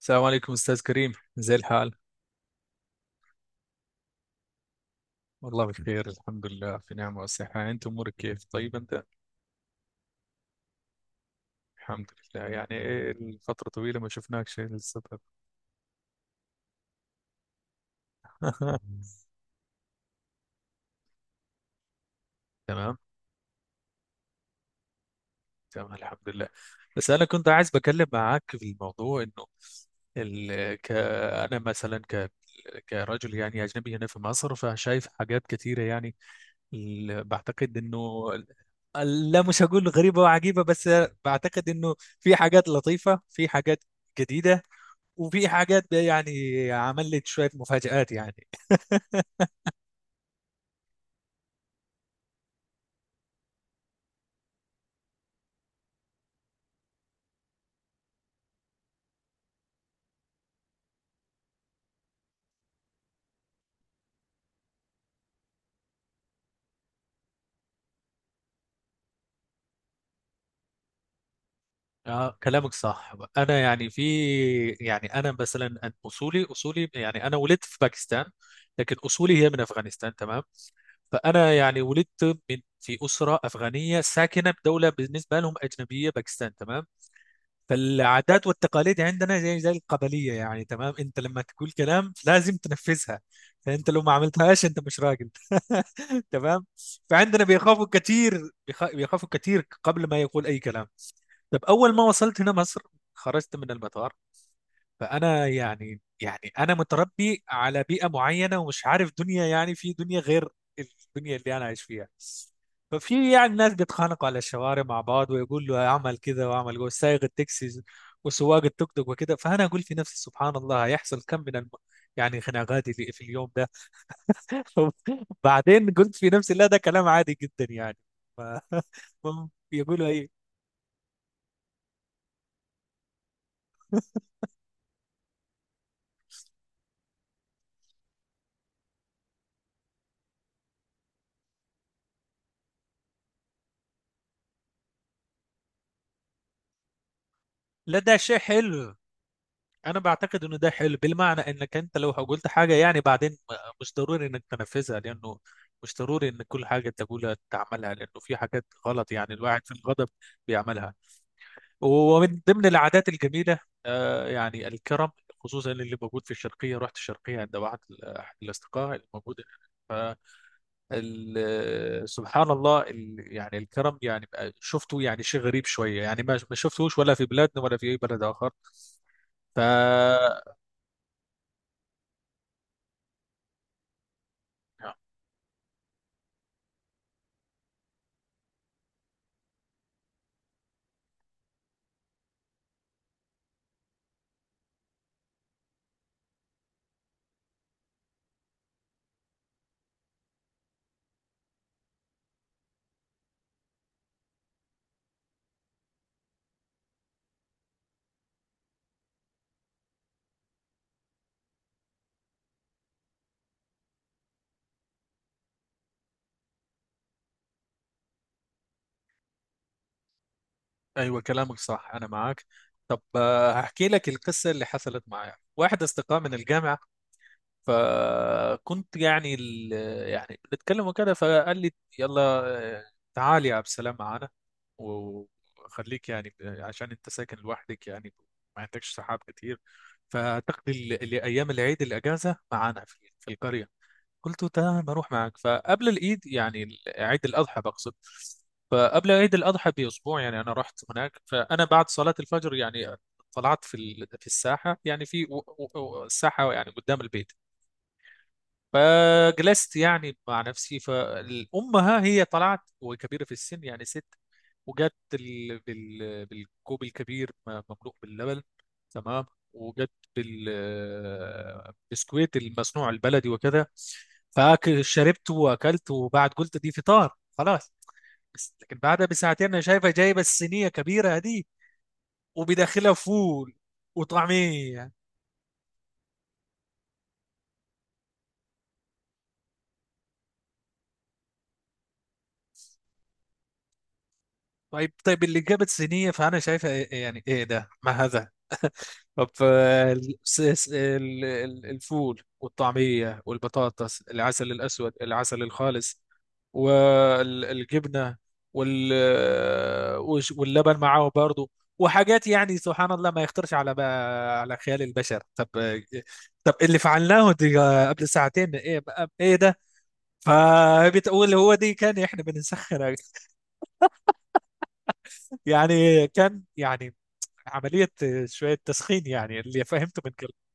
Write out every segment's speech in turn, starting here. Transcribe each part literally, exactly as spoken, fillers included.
السلام عليكم أستاذ كريم، زي الحال؟ والله بخير، الحمد لله، في نعمة وصحة. أنت أمورك كيف؟ طيب أنت؟ الحمد لله. يعني إيه الفترة طويلة ما شفناكش للسبب. تمام. تمام الحمد لله. بس أنا كنت عايز بكلم معاك في الموضوع إنه ال... ك... أنا مثلا ك... كرجل يعني أجنبي هنا في مصر، فشايف حاجات كتيرة يعني. ال... بعتقد إنه لا، مش هقول غريبة وعجيبة، بس بعتقد إنه في حاجات لطيفة، في حاجات جديدة، وفي حاجات ده يعني عملت شوية مفاجآت يعني. اه، كلامك صح، انا يعني في. يعني انا مثلا أن- اصولي اصولي يعني انا ولدت في باكستان، لكن اصولي هي من افغانستان. تمام. فانا يعني ولدت من في اسره افغانيه ساكنه بدوله بالنسبه لهم اجنبيه، باكستان. تمام. فالعادات والتقاليد يعني عندنا زي زي القبلية، يعني تمام، انت لما تقول كلام لازم تنفذها. فانت لو ما عملتهاش انت مش راجل. تمام. فعندنا بيخافوا كتير. بيخ- بيخافوا كتير قبل ما يقول اي كلام. طب اول ما وصلت هنا مصر، خرجت من المطار، فانا يعني يعني انا متربي على بيئه معينه، ومش عارف دنيا، يعني في دنيا غير الدنيا اللي انا عايش فيها. ففي يعني ناس بيتخانقوا على الشوارع مع بعض، ويقول له اعمل كذا واعمل جوه، سايق التاكسي وسواق التوك توك وكده. فانا اقول في نفسي سبحان الله، هيحصل كم من الم... يعني خناقات اللي في اليوم ده. بعدين قلت في نفسي لا، ده كلام عادي جدا يعني. ف... يقولوا ايه. لا، ده شيء حلو. انا بعتقد انه ده حلو بالمعنى انك انت لو قلت حاجه يعني بعدين مش ضروري انك تنفذها، لانه مش ضروري ان كل حاجه تقولها تعملها، لانه في حاجات غلط يعني الواحد في الغضب بيعملها. ومن ضمن العادات الجميله آه، يعني الكرم، خصوصا اللي موجود في الشرقيه. رحت الشرقيه عند واحد احد الاصدقاء الموجود. ف ال- سبحان الله، ال- يعني الكرم يعني بقى- شفته يعني شيء غريب شويه يعني ما ما شفتهوش ولا في بلادنا ولا في اي بلد اخر. ف ايوه كلامك صح، انا معاك. طب، آه، هحكي لك القصه اللي حصلت معايا. واحد اصدقاء من الجامعه، فكنت يعني ال... يعني بنتكلم وكده، فقال لي يلا، آه، تعال يا عبد السلام معانا، وخليك يعني عشان انت ساكن لوحدك يعني ما عندكش صحاب كتير، فتقضي ال- ال- ايام العيد الاجازه معانا في في القريه. قلت له تمام، بروح معك. فقبل العيد يعني ال- عيد الأضحى بقصد، فقبل عيد الأضحى بأسبوع يعني أنا رحت هناك. فأنا بعد صلاة الفجر يعني طلعت في ال- في الساحة، يعني في و- و- و- الساحة يعني قدام البيت، فجلست يعني مع نفسي. فأمها هي طلعت، وكبيرة في السن يعني ست، وجت ال... بال... بالكوب الكبير م- مملوء باللبن. تمام. وجت بالبسكويت المصنوع البلدي وكذا، فاكل شربت واكلت، وبعد قلت دي فطار خلاص. بس لكن بعدها بساعتين انا شايفه جايبه الصينيه كبيره دي، وبداخلها فول وطعميه. طيب طيب اللي جابت صينيه، فانا شايفه إيه، يعني ايه ده، ما هذا؟ طب آه، ال- س- س- ال- ال- الفول والطعمية والبطاطس، العسل الأسود، العسل الخالص، والجبنة، وال آه، وش- واللبن معاه برضه، وحاجات يعني سبحان الله ما يخطرش على ب- على خيال البشر. طب آه، طب اللي فعلناه دي آه، قبل ساعتين، ايه بقى- ايه ده؟ فبتقول هو دي كان احنا بنسخن. يعني كان يعني عملية آه، شوية تسخين يعني اللي فهمته من كلامك.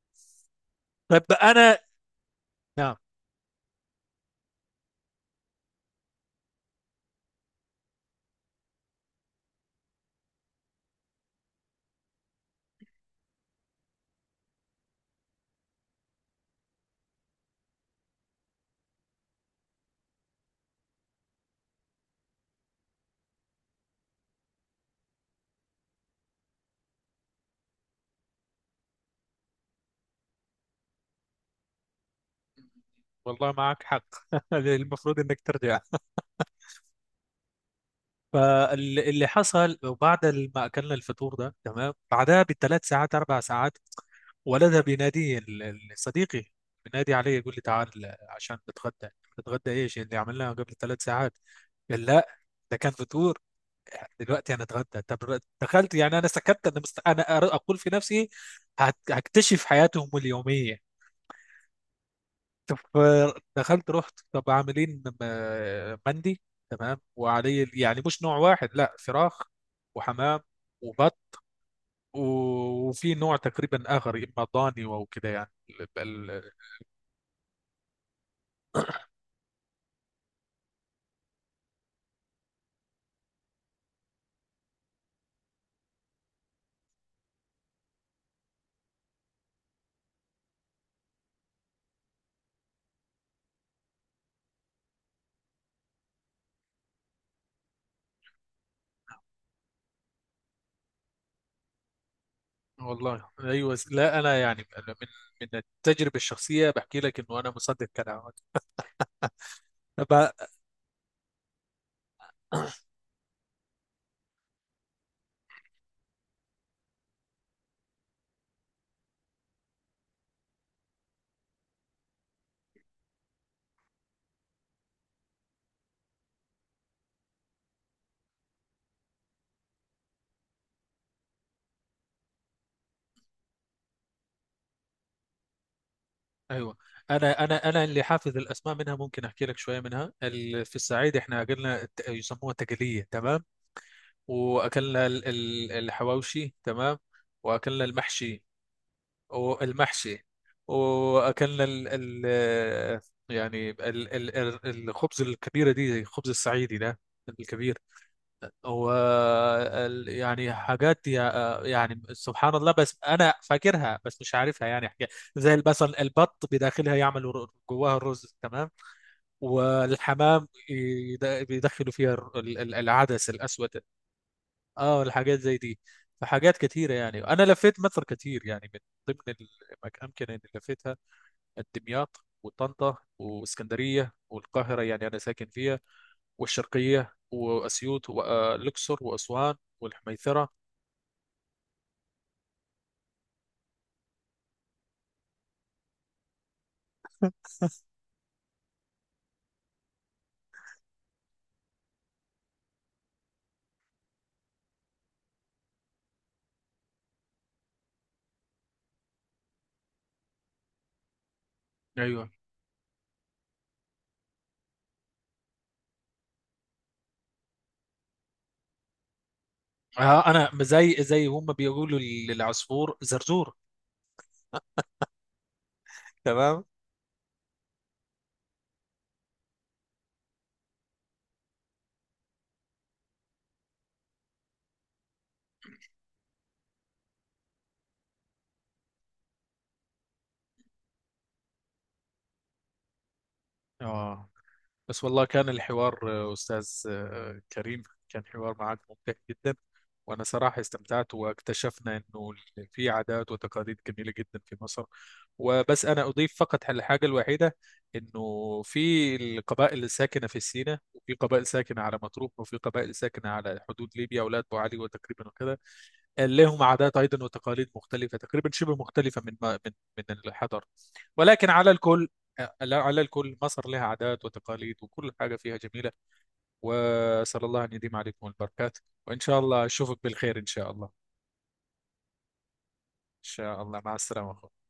طب انا. نعم. والله معك حق. المفروض انك ترجع. فاللي حصل بعد ما اكلنا الفطور ده تمام، بعدها بثلاث ساعات اربع ساعات، ولدها بينادي ال- ال- صديقي، بينادي علي، يقول لي تعال عشان نتغدى. نتغدى؟ ايش اللي عملناه قبل ثلاث ساعات؟ قال لا، ده كان فطور، دلوقتي انا اتغدى. طب دخلت، يعني انا سكت، انا مست... انا أر- اقول في نفسي هت- هكتشف حياتهم اليوميه. دخلت، رحت، طب عاملين م- مندي. تمام، وعليه ال- يعني مش نوع واحد، لا، فراخ وحمام وبط، و- وفي نوع تقريبا اخر، اما ضاني او كده، يعني ال- ال- والله ايوه س- لا انا، يعني أنا من من التجربه الشخصيه بحكي لك انه انا مصدق كلامك. ب- ايوه. انا انا انا اللي حافظ الاسماء منها، ممكن احكي لك شويه منها. ال- في الصعيد احنا قلنا الت- يسموها تقليه، تمام، واكلنا ال- ال- الحواوشي، تمام، واكلنا المحشي والمحشي، واكلنا ال ال يعني ال ال ال- الخبز الكبيره دي زي الخبز الصعيدي ده الكبير، و ال- يعني حاجات يا- يعني سبحان الله، بس انا فاكرها بس مش عارفها، يعني حاجة زي البصل، البط بداخلها يعملوا ر- جواها الرز تمام، والحمام يد- بيدخلوا فيها ال- ال- العدس الاسود. اه الحاجات زي دي. فحاجات كثيرة، يعني أنا لفيت مصر كثير. يعني من ضمن الأماكن اللي لفيتها دمياط وطنطا واسكندرية والقاهرة، يعني أنا ساكن فيها، والشرقية وأسيوط والأقصر وأسوان والحميثرة. ايوه. آه أنا زي زي هم بيقولوا للعصفور زرزور، تمام. اه. بس والله كان الحوار، آه، أستاذ آه، كريم، كان حوار معك ممتع جدا، وأنا صراحة استمتعت، واكتشفنا أنه في عادات وتقاليد جميلة جدا في مصر. وبس أنا أضيف فقط على الحاجة الوحيدة، أنه في القبائل الساكنة في سيناء، وفي قبائل ساكنة على مطروح، وفي قبائل ساكنة على حدود ليبيا ولاة أبو علي، وتقريبا وكذا، لهم عادات أيضا وتقاليد مختلفة، تقريبا شبه مختلفة من من من الحضر. ولكن على الكل، لا، على الكل مصر لها عادات وتقاليد، وكل حاجة فيها جميلة. وأسأل الله أن يديم عليكم البركات، وإن شاء الله أشوفك بالخير، إن شاء الله. إن شاء الله، مع السلامة.